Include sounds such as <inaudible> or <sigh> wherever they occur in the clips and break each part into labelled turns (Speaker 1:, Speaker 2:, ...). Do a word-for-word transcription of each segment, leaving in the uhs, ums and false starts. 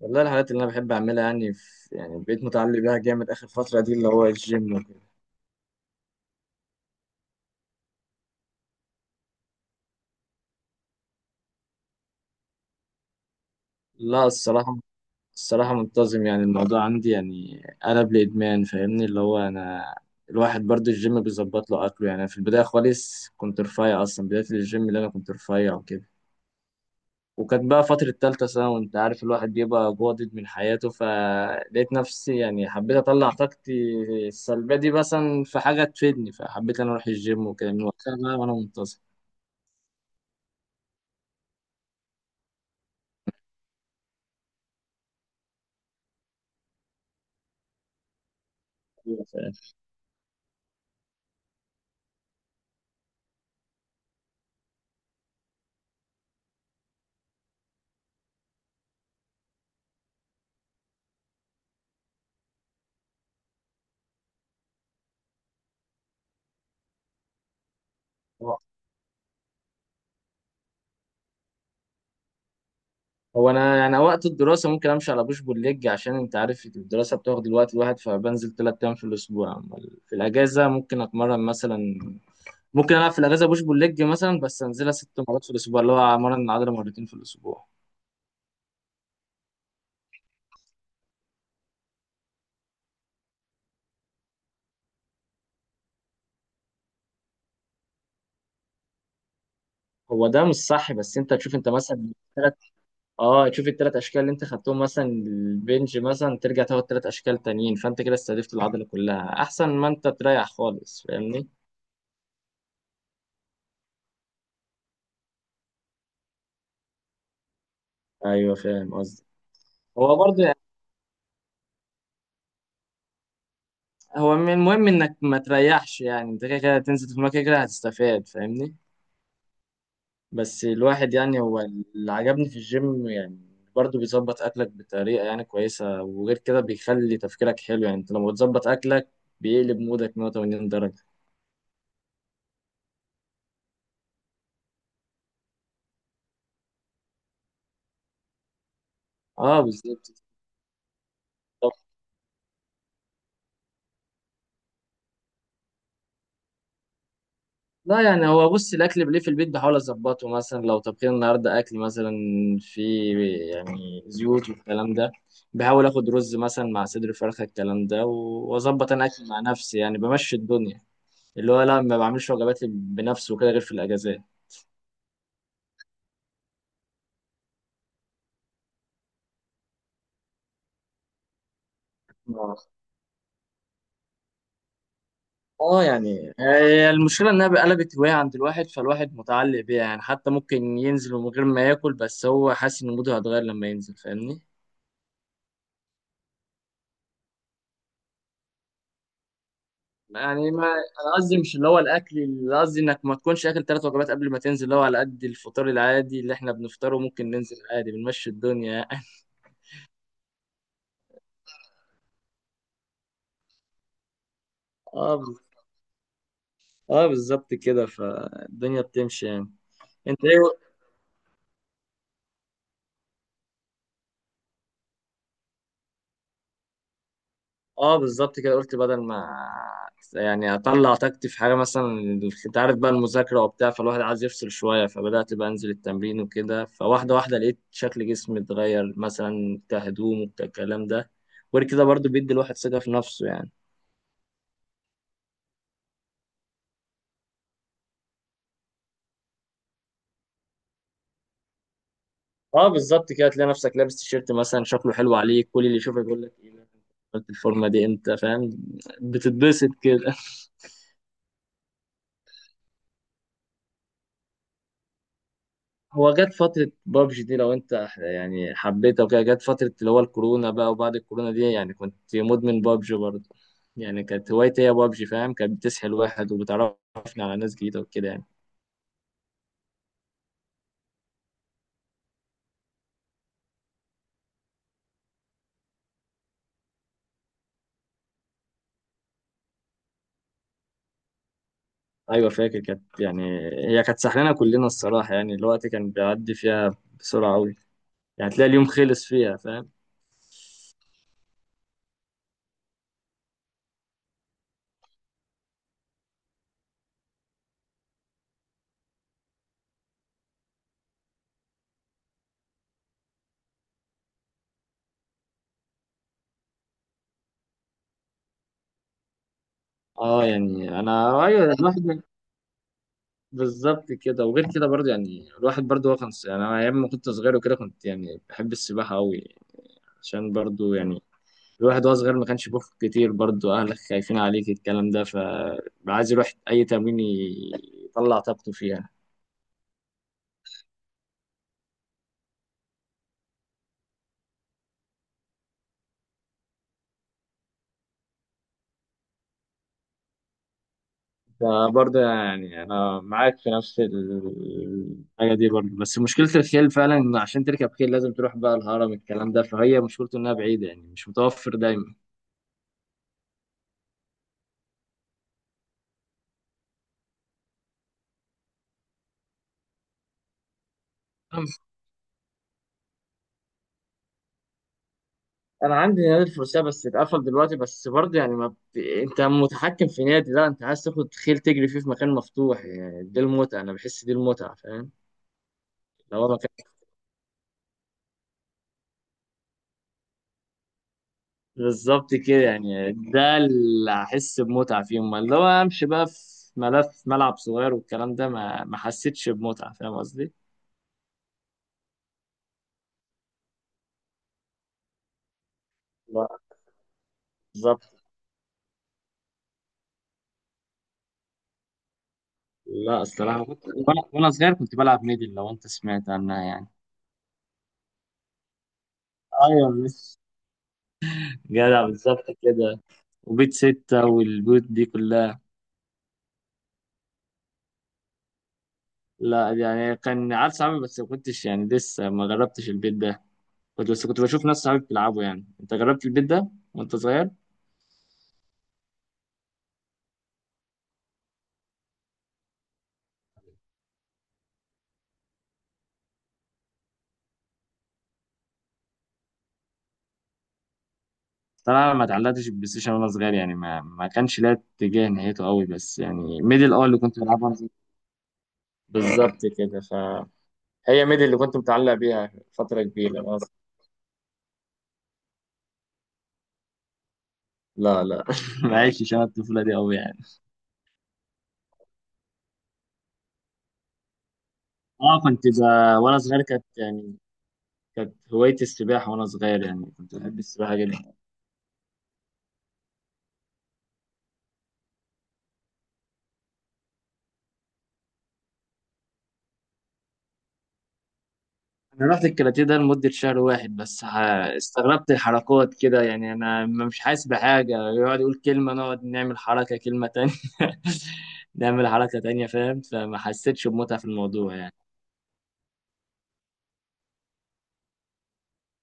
Speaker 1: والله الحاجات اللي انا بحب اعملها يعني في يعني بقيت متعلق بيها جامد اخر فتره دي اللي هو الجيم وكده. لا الصراحه الصراحه منتظم، يعني الموضوع عندي يعني قلب لادمان فاهمني اللي هو انا الواحد برضه. الجيم بيظبط له اكله، يعني في البدايه خالص كنت رفيع، اصلا بدايه الجيم اللي انا كنت رفيع وكده. وكانت بقى فتره تالتة ثانوي، وانت عارف الواحد بيبقى جادد من حياته، فلقيت نفسي يعني حبيت اطلع طاقتي السلبيه دي مثلا في حاجه تفيدني، فحبيت انا اروح الجيم وكده، من وقتها بقى وانا منتظم. هو انا يعني وقت الدراسه ممكن امشي على بوش بول ليج، عشان انت عارف الدراسه بتاخد الوقت الواحد، فبنزل تلات ايام في الاسبوع، أما في الاجازه ممكن اتمرن مثلا، ممكن العب في الاجازه بوش بول ليج مثلا، بس انزلها ست مرات في الاسبوع، اللي هو امرن العضله مرتين في الاسبوع. هو ده مش صح، بس انت تشوف انت مثلا ثلاث. اه تشوف الثلاث اشكال اللي انت خدتهم مثلا البنج، مثلا ترجع تاخد تلات اشكال تانيين، فانت كده استهدفت العضله كلها احسن ما انت تريح خالص فاهمني. ايوه فاهم قصدي. هو برضه. هو من- المهم انك ما تريحش، يعني انت كده كده تنزل في المكان كده هتستفاد فاهمني. بس الواحد يعني هو اللي عجبني في الجيم يعني برضه بيظبط اكلك بطريقه يعني كويسه، وغير كده بيخلي تفكيرك حلو، يعني انت لما بتظبط اكلك بيقلب مودك مية وتمانين درجه. اه بالظبط. لا يعني هو بص، الاكل بليه في البيت بحاول اظبطه، مثلا لو طبخنا النهارده اكل مثلا في يعني زيوت والكلام ده بحاول اخد رز مثلا مع صدر فرخه الكلام ده، و- واظبط انا اكل مع نفسي يعني بمشي الدنيا، اللي هو لا ما بعملش وجبات بنفسي وكده غير في الاجازات. آه. اه يعني هي المشكله انها قلبت هوايه عند الواحد، فالواحد متعلق بيها يعني، حتى ممكن ينزل من غير ما ياكل بس هو حاسس ان موده هيتغير لما ينزل فاهمني. يعني ما انا قصدي مش اللي هو الاكل، اللي قصدي انك ما تكونش اكل تلات وجبات قبل ما تنزل، اللي هو على قد الفطار العادي اللي احنا بنفطره ممكن ننزل عادي بنمشي الدنيا يعني. <laughs> اه ب- اه بالظبط كده، فالدنيا بتمشي يعني. انت ايه. اه بالظبط كده قلت بدل ما يعني اطلع طاقتي في حاجه مثلا، انت عارف بقى المذاكره وبتاع، فالواحد عايز يفصل شويه، فبدات بقى انزل التمرين وكده، فواحده واحده لقيت شكل جسمي اتغير مثلا كهدوم وكالكلام ده، غير كده برضو بيدي الواحد ثقه في نفسه يعني. اه بالظبط كده، تلاقي نفسك لابس تيشيرت مثلا شكله حلو عليك، كل اللي يشوفك يقول لك ايه ده؟ قلت الفورمه دي امتى فاهم. بتتبسط كده <laughs> هو جت فتره بابجي دي لو انت يعني حبيتها وكده، جت فتره اللي هو الكورونا بقى، وبعد الكورونا دي يعني كنت مدمن بابجي برضه، يعني كانت هوايتي هي بابجي فاهم، كانت بتسحل واحد وبتعرفني على ناس جديده وكده يعني. ايوه فاكر، كانت يعني هي كانت سحلانه كلنا الصراحه، يعني الوقت كان بيعدي فيها بسرعه قوي، يعني تلاقي اليوم خلص فيها فاهم. اه يعني انا ايوه الواحد بالظبط كده. وغير كده برضه يعني الواحد برضه هو كان، يعني انا ايام ما كنت صغير وكده كنت يعني بحب السباحه قوي، عشان برضه يعني الواحد وهو صغير ما كانش بيخرج كتير، برضه اهلك خايفين عليك الكلام ده، فعايز يروح اي تمرين يطلع طاقته فيها. فبرضه يعني انا معاك في نفس ال- الحاجه دي، برضه بس مشكله الخيل فعلا ان عشان تركب خيل لازم تروح بقى الهرم الكلام ده، فهي مشكلته انها بعيده يعني مش متوفر دايما. انا عندي نادي الفروسية بس اتقفل دلوقتي، بس برضه يعني ما ب... انت متحكم في نادي، لا انت عايز تاخد خيل تجري فيه في مكان مفتوح، يعني دي المتعة، انا بحس دي المتعة فاهم، اللي هو مكان. بالظبط كده، يعني ده اللي احس بمتعة فيه، امال لو امشي بقى في ملف ملعب صغير والكلام ده ما ما حسيتش بمتعة، فاهم قصدي. لا. بالظبط. لا الصراحة، كنت- وانا وأنا صغير كنت بلعب ميدل، لو انت سمعت عنها يعني. ايوه مش جدع، بالظبط كده، وبيت ستة والبيوت دي كلها. لا يعني كان عارف صعب بس ما كنتش يعني لسه ما جربتش البيت ده، كنت بس كنت بشوف ناس صحابي بيلعبوا يعني، انت جربت البيت ده وانت صغير؟ طبعا ما اتعلقتش بالبلاي ستيشن وانا صغير يعني ما ما كانش ليا اتجاه نهايته قوي، بس يعني ميدل اه اللي كنت بلعبها وأنا صغير. بالظبط كده، فهي ميدل اللي كنت متعلق بيها فترة كبيرة وأنا صغير. لا لا <laughs> ما عشتش انا الطفولة دي قوي يعني. اه كنت ب... وانا صغير كانت يعني كانت هوايتي السباحة وانا صغير، يعني كنت بحب السباحة جدا. انا رحت الكاراتيه ده لمده شهر واحد بس. ح- استغربت الحركات كده يعني، انا م- مش حاسس بحاجه، يقعد يقول كلمه نقعد نعمل حركه، كلمه تانية <laughs> نعمل حركه تانية فاهم، فما حسيتش بمتعه في الموضوع يعني.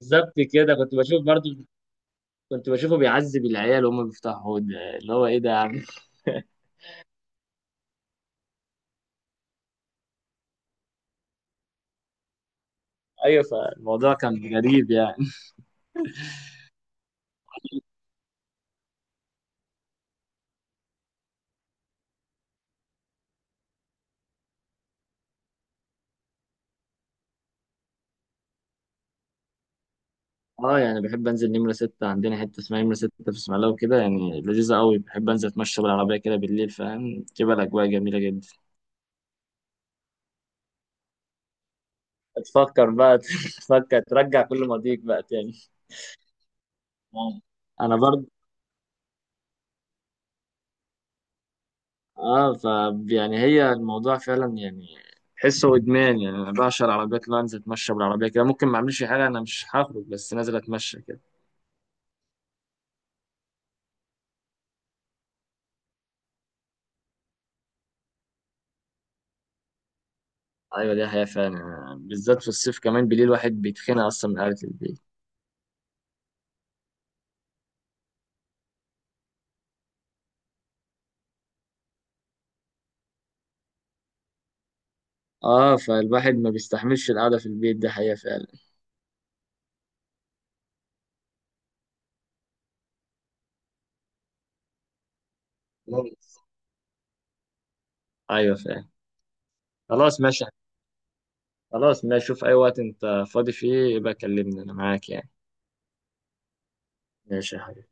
Speaker 1: بالظبط كده، كنت بشوف برضو، كنت بشوفه بيعذب العيال وهم بيفتحوا حوض، اللي هو ايه ده يا عم. <laughs> ايوه فالموضوع كان غريب يعني. اه يعني بحب انزل نمرة ستة، عندنا حته اسمها نمرة ستة في اسماعيليه وكده، يعني لذيذه قوي، بحب انزل اتمشى بالعربيه كده بالليل فاهم، تبقى الاجواء جميله جدا. تفكر بقى <laughs> تفكر ترجع كل ماضيك بقى تاني. آه. انا برضه. اه ف يعني هي الموضوع فعلا يعني تحسه ادمان، يعني انا بعشق العربيات اللي أنا انزل اتمشى بالعربيه كده، ممكن ما اعملش حاجه، انا مش هخرج بس نازل اتمشى كده. ايوه دي حقيقه فعلا، بالذات في الصيف كمان بالليل الواحد بيتخنق اصلا من قعده البيت. اه فالواحد ما بيستحملش القعده في البيت دي حقيقه فعلا. ايوه فعلا. خلاص ماشي. خلاص ماشي، شوف اي وقت انت فاضي فيه يبقى كلمني انا معاك يعني. ماشي يا حبيبي.